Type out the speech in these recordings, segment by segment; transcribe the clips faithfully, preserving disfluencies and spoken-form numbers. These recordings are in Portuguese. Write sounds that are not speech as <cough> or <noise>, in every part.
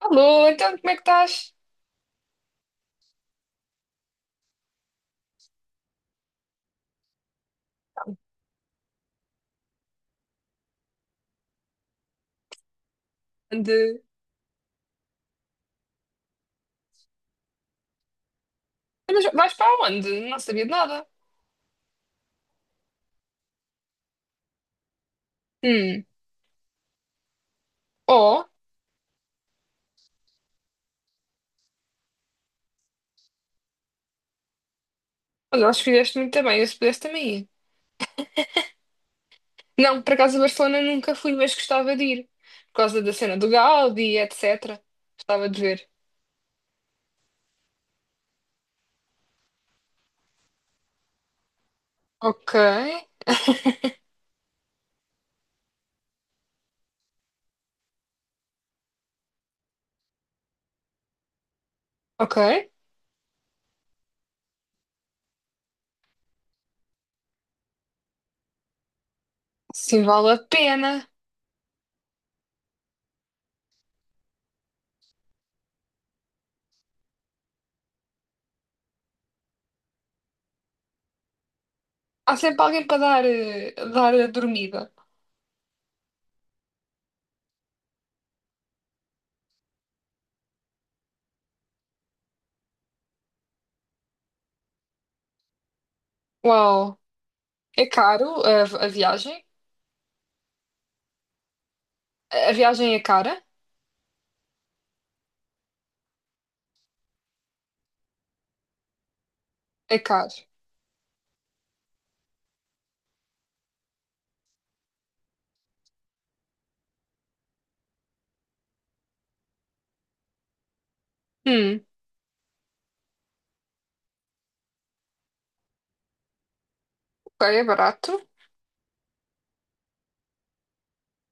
Alô, então como é que estás? Ande. Ah, mas vais para onde? Não sabia de nada. Hum. Oh, olha, acho que fizeste muito bem, eu se pudesse também ir. Não, por acaso a Barcelona nunca fui, mas gostava de ir. Por causa da cena do Gaudi, etecetera. Gostava de ver. Ok, ok. Sim, vale a pena. Há sempre alguém para dar, eh, dar a dormida. Uau, é caro a, a viagem? A a viagem é cara? É caro. Hum, ok, é barato.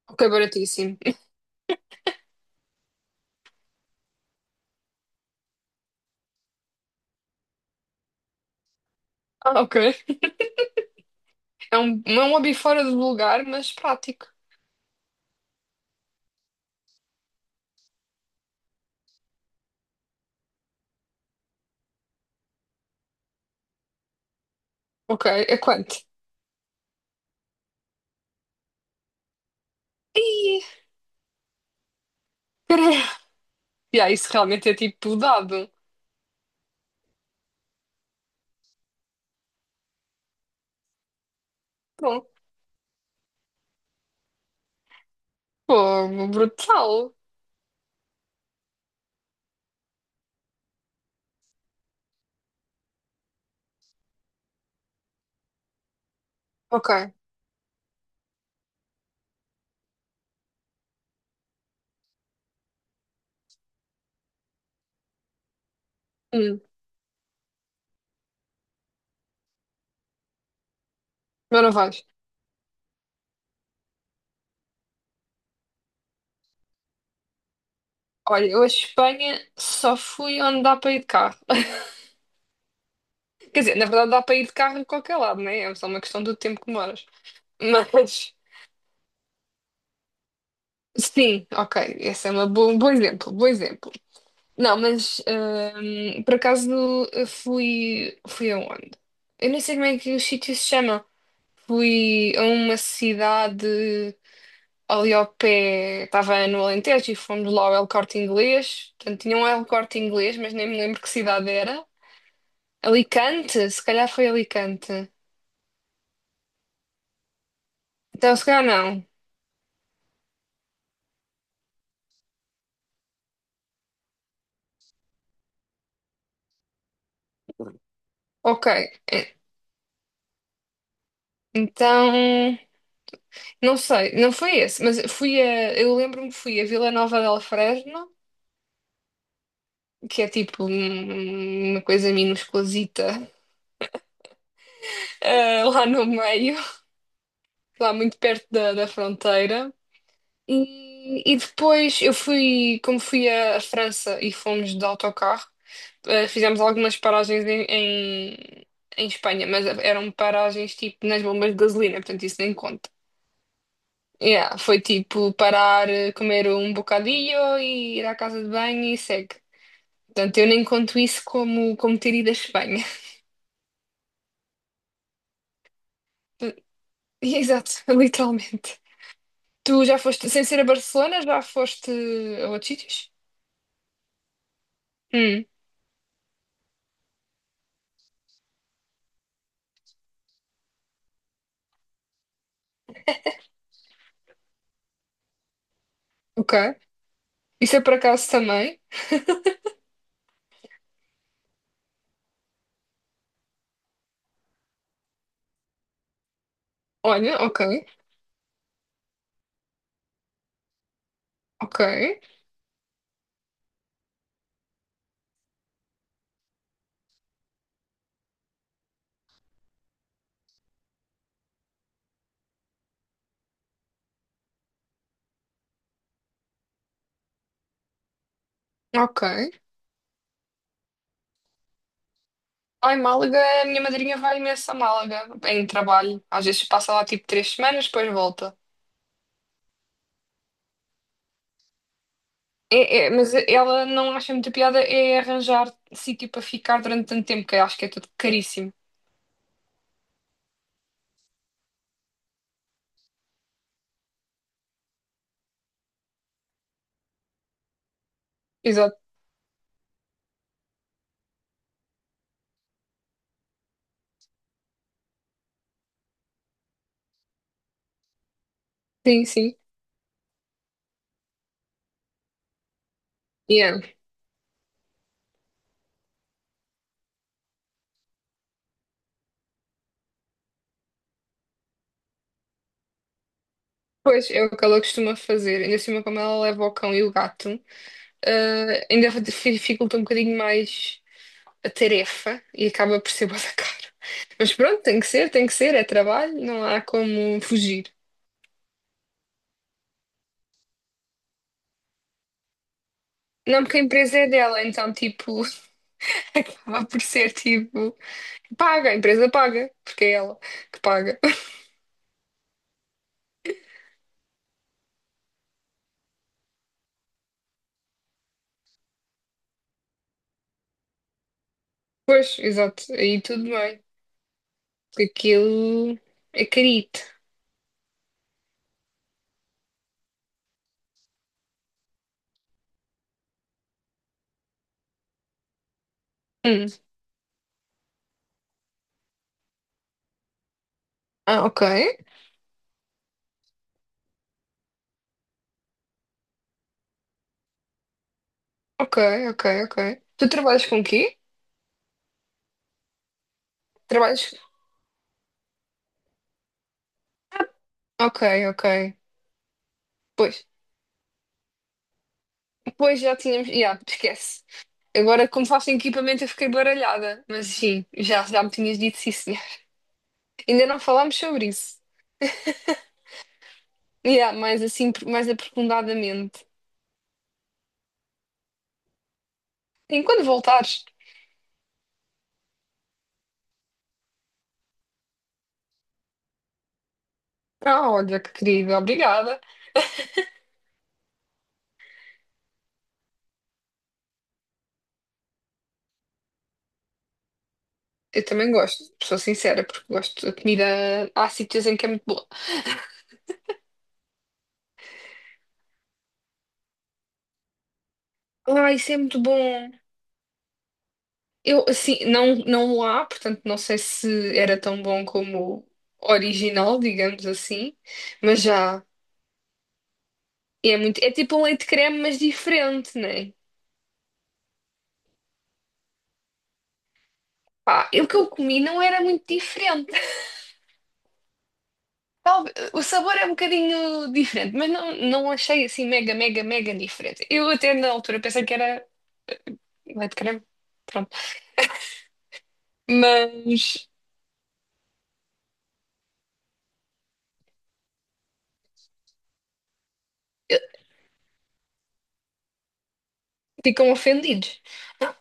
Ok, baratíssimo. <laughs> Ah, ok. É um, é um hobby fora do lugar, mas prático. Ok, é quanto? Ih, <laughs> caralho. Yeah, isso realmente é tipo dado. Bom, pô, brutal. Ok, hum, mas não vais. Olha, eu a Espanha só fui onde dá para ir de carro. <laughs> Quer dizer, na verdade dá para ir de carro em qualquer lado, né? É só uma questão do tempo que moras. Mas, <laughs> sim, ok, esse é uma bo- um bom exemplo, bom exemplo. Não, mas hum, por acaso eu fui, fui aonde? Eu nem sei como é que o sítio se chama. Fui a uma cidade ali ao pé, estava no Alentejo e fomos lá ao El Corte Inglês. Portanto, tinha um El Corte Inglês, mas nem me lembro que cidade era. Alicante? Se calhar foi Alicante. Então, se calhar não. Ok. Eh, Então, não sei, não foi esse, mas fui a, eu lembro-me que fui a Vila Nova del Fresno, que é tipo um- uma coisa minusculazita, <laughs> eh, lá no meio, lá muito perto da da fronteira. E, e depois eu fui, como fui à à França e fomos de autocarro, eh, fizemos algumas paragens em, em, em Espanha, mas eram paragens tipo nas bombas de gasolina, portanto isso nem conta. Yeah, foi tipo parar, eh, comer um bocadinho e ir à casa de banho e segue. Portanto, eu nem conto isso como, como ter ido à Espanha. <laughs> Exato, literalmente. Tu já foste, sem ser a Barcelona, já foste a outros sítios? Hum, ok. Isso é por acaso também. Olha, ok, ok, ok. Lá em Málaga, a minha madrinha vai imenso a Málaga em trabalho. Às vezes passa lá tipo três semanas, depois volta. É, é, mas ela não acha muita piada é arranjar sítio para ficar durante tanto tempo, que eu acho que é tudo caríssimo. Exato, sim, sim. Yeah. Pois é o que ela costuma fazer. Ainda assim, como ela leva o cão e o gato, eh, ainda fi- dificulta um bocadinho mais a tarefa e acaba por ser <laughs> bué da caro. Mas pronto, tem que ser, tem que ser, é trabalho, não há como fugir. Não, porque a empresa é dela, então, tipo, <laughs> acaba por ser, tipo, paga, a empresa paga, porque é ela que paga. <laughs> Pois, exato, aí tudo bem, porque aquilo é carito. Hum. Ah, ok, ok, ok, ok. Tu trabalhas com o quê? Trabalhas... Ok, ok. Pois, pois já tínhamos... Já, esquece. Agora, como faço equipamento, eu fiquei baralhada, mas sim, já, já me tinhas dito sim, senhor. Ainda não falámos sobre isso. Yeah, mais assim, mais aprofundadamente. Sim, quando voltares. Ah, olha, que querida, obrigada. Eu também gosto, sou sincera, porque gosto da comida. Há sítios em que é muito boa. Ah, isso é muito bom. Eu, assim, não, não há, portanto, não sei se era tão bom como o original, digamos assim, mas já. E É muito, é tipo um leite creme, mas diferente, né? Pá, o que eu comi não era muito diferente. Talvez- o sabor é um bocadinho diferente, mas não, não achei assim mega, mega, mega diferente. Eu até na altura pensei que era leite de creme, pronto. Mas eh, ficam ofendidos. Ah,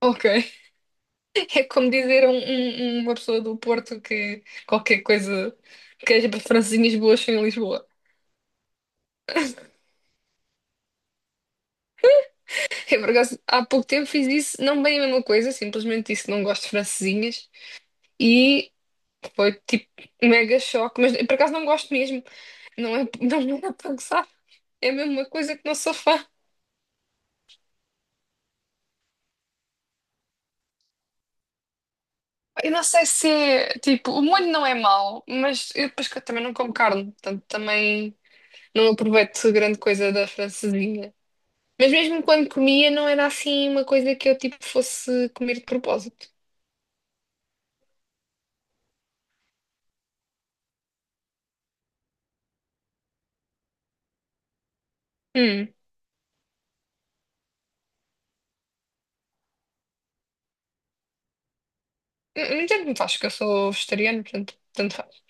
ok. <laughs> É como dizer a um- um- uma pessoa do Porto que qualquer coisa, que as francesinhas boas são em Lisboa. <laughs> Eu, por acaso, há pouco tempo fiz isso, não bem a mesma coisa, simplesmente disse que não gosto de francesinhas e foi tipo um mega choque. Mas por acaso não gosto mesmo, não é, <laughs> não é para gozar, é a mesma coisa que não sou fã. Eu não sei se é, tipo, o molho não é mau, mas eu depois que eu também não como carne, portanto também. Não aproveito grande coisa da francesinha. Mas mesmo quando comia, não era assim uma coisa que eu tipo fosse comer de propósito. Hum. Não tanto me faz, que eu sou vegetariana, portanto, tanto faz.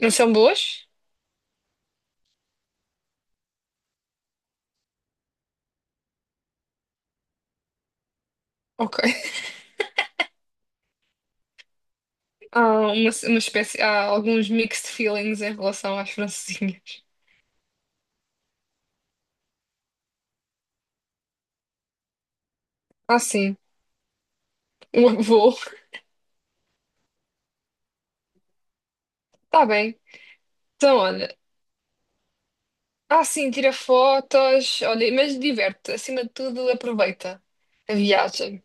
Não são boas? Ok. <laughs> Há uma, uma espécie, há alguns mixed feelings em relação às francesinhas. Ah, sim. O avô. Tá bem. Então, olha. Ah, sim, tira fotos. Olha, mas diverte-te. Acima de tudo, aproveita a viagem.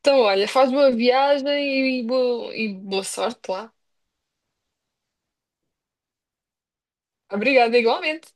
Então, olha, faz boa viagem e boa, e boa sorte lá. Obrigada, igualmente.